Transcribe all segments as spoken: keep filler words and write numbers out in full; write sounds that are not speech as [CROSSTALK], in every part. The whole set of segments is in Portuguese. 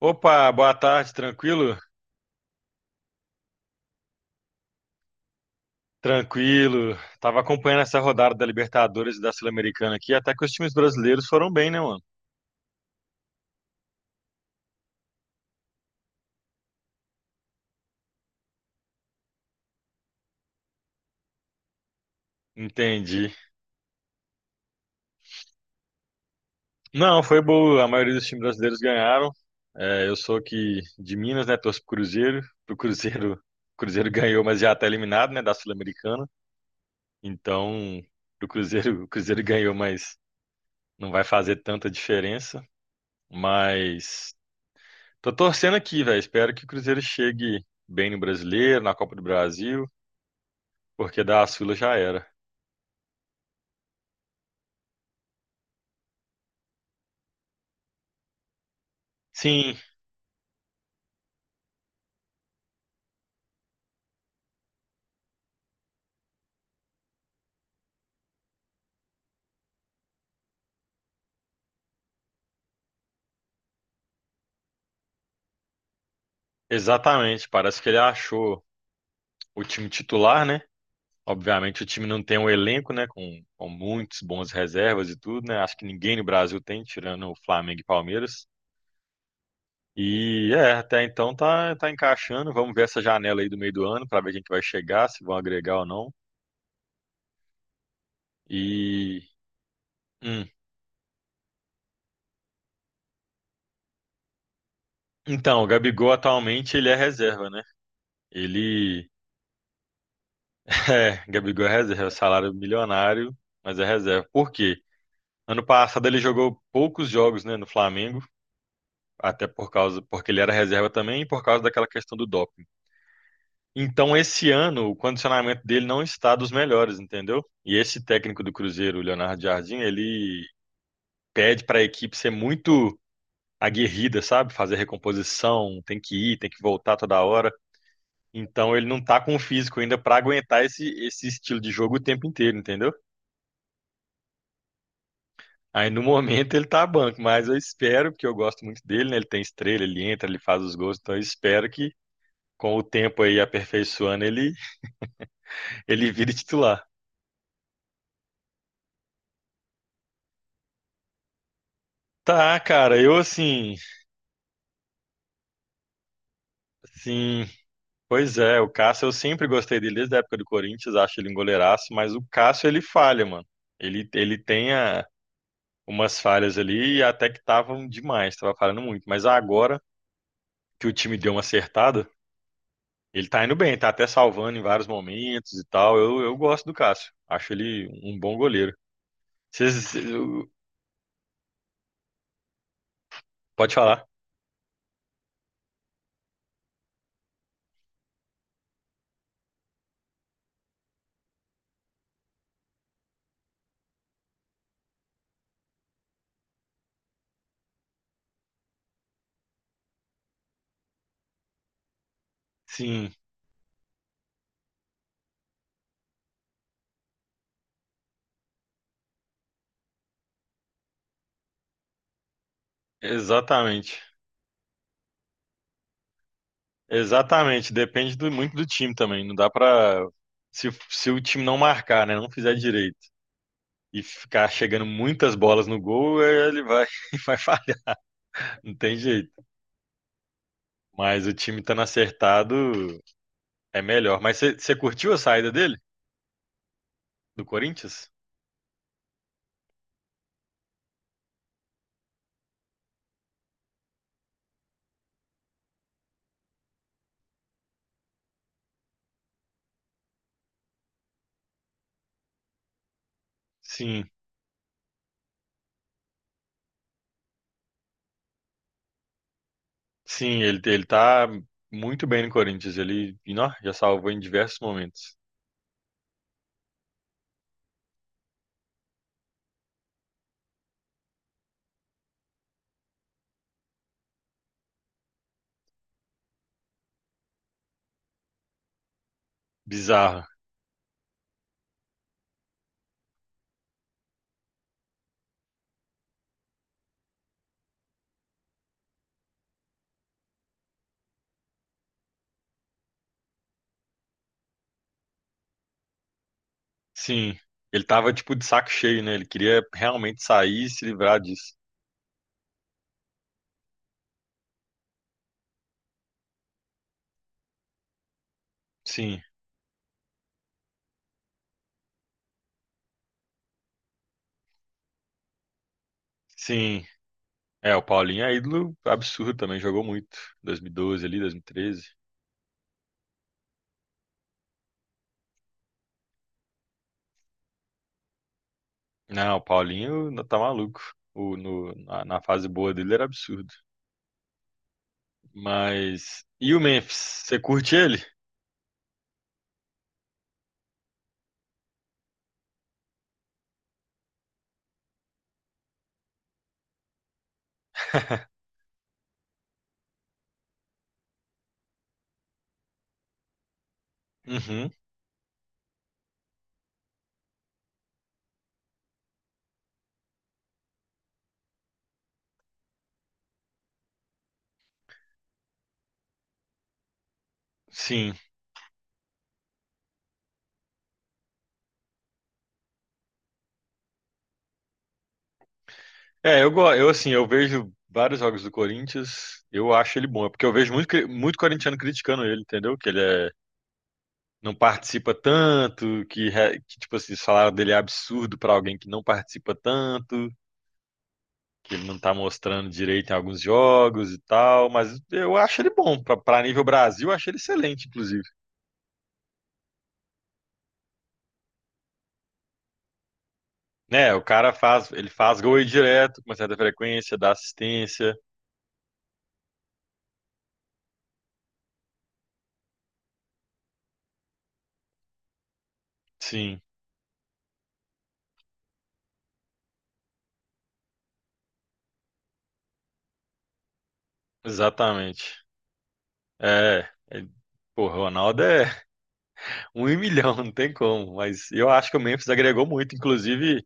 Opa, boa tarde, tranquilo? Tranquilo. Tava acompanhando essa rodada da Libertadores e da Sul-Americana aqui, até que os times brasileiros foram bem, né, mano? Entendi. Não, foi boa. A maioria dos times brasileiros ganharam. É, eu sou aqui de Minas, né? Torço pro Cruzeiro. Pro Cruzeiro, o Cruzeiro ganhou, mas já tá eliminado, né, da Sul-Americana. Então, pro Cruzeiro, o Cruzeiro ganhou, mas não vai fazer tanta diferença. Mas tô torcendo aqui, velho. Espero que o Cruzeiro chegue bem no Brasileiro, na Copa do Brasil, porque das filas já era. Sim, exatamente. Parece que ele achou o time titular, né? Obviamente o time não tem um elenco, né? Com, com muitos bons reservas e tudo, né? Acho que ninguém no Brasil tem, tirando o Flamengo e Palmeiras. E é, até então tá, tá encaixando. Vamos ver essa janela aí do meio do ano para ver quem que vai chegar, se vão agregar ou não. E hum, então, o Gabigol atualmente ele é reserva, né? Ele [LAUGHS] é, Gabigol é reserva, é salário milionário, mas é reserva. Por quê? Ano passado ele jogou poucos jogos, né, no Flamengo, até por causa, porque ele era reserva também e por causa daquela questão do doping. Então, esse ano, o condicionamento dele não está dos melhores, entendeu? E esse técnico do Cruzeiro, o Leonardo Jardim, ele pede para a equipe ser muito aguerrida, sabe? Fazer recomposição, tem que ir, tem que voltar toda hora. Então, ele não tá com o físico ainda para aguentar esse, esse estilo de jogo o tempo inteiro, entendeu? Aí no momento ele tá banco, mas eu espero, porque eu gosto muito dele, né? Ele tem estrela, ele entra, ele faz os gols, então eu espero que com o tempo aí aperfeiçoando ele, ele vire titular. Tá, cara, eu assim, sim, pois é, o Cássio eu sempre gostei dele desde a época do Corinthians, acho ele um goleiraço, mas o Cássio ele falha, mano. Ele, ele tem a- umas falhas ali e até que estavam demais, tava falhando muito, mas agora que o time deu uma acertada, ele tá indo bem, tá até salvando em vários momentos e tal. Eu, eu gosto do Cássio. Acho ele um bom goleiro. Vocês, vocês- eu- pode falar? Sim, exatamente. Exatamente. Depende do- muito do time também. Não dá pra. Se, se o time não marcar, né? Não fizer direito e ficar chegando muitas bolas no gol, eh, ele vai, [LAUGHS] vai falhar. Não tem jeito. Mas o time estando acertado é melhor. Mas você você curtiu a saída dele? Do Corinthians? Sim. Sim, ele, ele tá muito bem no Corinthians. Ele, e, nó, já salvou em diversos momentos. Bizarro. Sim. Ele tava tipo de saco cheio, né? Ele queria realmente sair e se livrar disso. Sim, sim. É, o Paulinho é ídolo absurdo também, jogou muito. dois mil e doze ali, dois mil e treze. Não, o Paulinho não tá maluco. O, no, na, na fase boa dele era absurdo. Mas e o Memphis? Você curte ele? Uhum. Sim. É, eu, go- eu assim, eu vejo vários jogos do Corinthians, eu acho ele bom, é porque eu vejo muito, cri- muito corintiano criticando ele, entendeu? Que ele é, não participa tanto, que, re- que tipo assim, o salário dele é absurdo pra alguém que não participa tanto, que ele não tá mostrando direito em alguns jogos e tal, mas eu acho ele bom, pra, pra nível Brasil, eu acho ele excelente, inclusive. Né, o cara faz, ele faz gol aí direto, com uma certa frequência, dá assistência, sim, exatamente. É, é, pô, Ronaldo é um em milhão, [LAUGHS] não tem como. Mas eu acho que o Memphis agregou muito. Inclusive,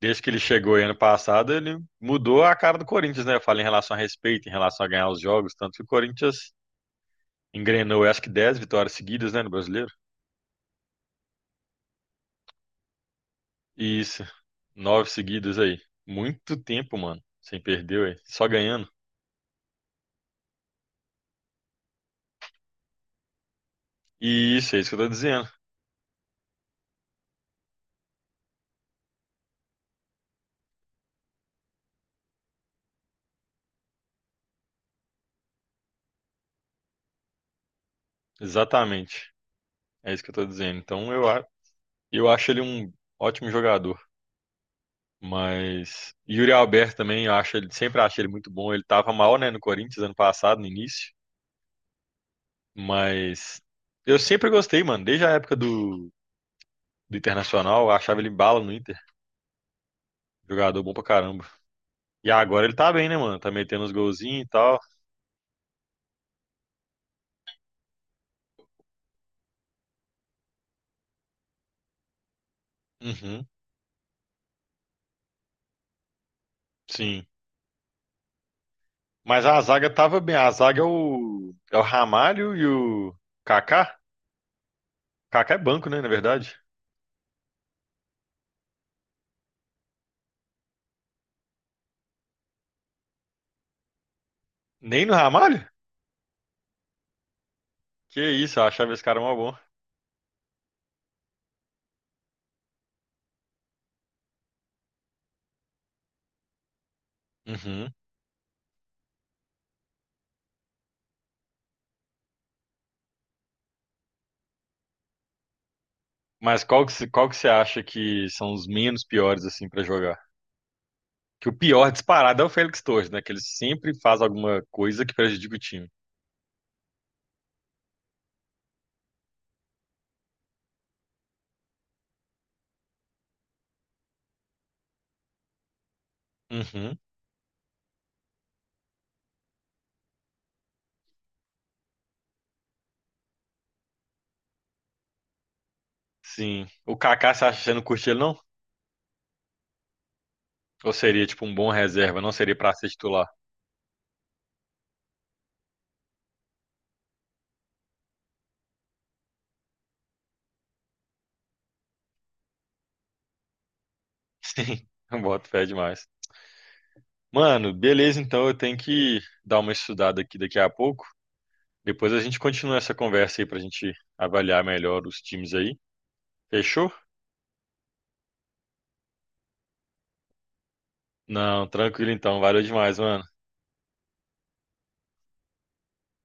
desde que ele chegou aí ano passado, ele mudou a cara do Corinthians, né? Eu falo em relação a respeito, em relação a ganhar os jogos. Tanto que o Corinthians engrenou, eu acho que dez vitórias seguidas, né, no brasileiro. E isso, nove seguidas aí. Muito tempo, mano, sem perder, ué, só ganhando. E isso, é isso que eu tô dizendo. Exatamente. É isso que eu tô dizendo. Então, eu, a- eu acho ele um ótimo jogador. Mas Yuri Alberto também, eu acho ele, sempre achei ele muito bom. Ele tava mal, né, no Corinthians ano passado, no início. Mas eu sempre gostei, mano, desde a época do, do Internacional, eu achava ele bala no Inter. Jogador bom pra caramba. E agora ele tá bem, né, mano? Tá metendo uns golzinhos e tal. Uhum, sim. Mas a zaga tava bem. A zaga é o, é o Ramalho e o Kaká. Kaká é banco, né, na verdade. Nem no Ramalho? Que isso, eu achava esse cara mó bom. Uhum. Mas qual que, cê- qual que você acha que são os menos piores, assim, pra jogar? Que o pior disparado é o Félix Torres, né? Que ele sempre faz alguma coisa que prejudica o time. Uhum, sim. O Kaká, você acha que você não curte ele, não? Ou seria, tipo, um bom reserva? Não seria pra ser titular? [LAUGHS] Sim, eu boto fé demais. Mano, beleza, então eu tenho que dar uma estudada aqui daqui a pouco. Depois a gente continua essa conversa aí pra gente avaliar melhor os times aí. Fechou? Não, tranquilo então. Valeu demais, mano.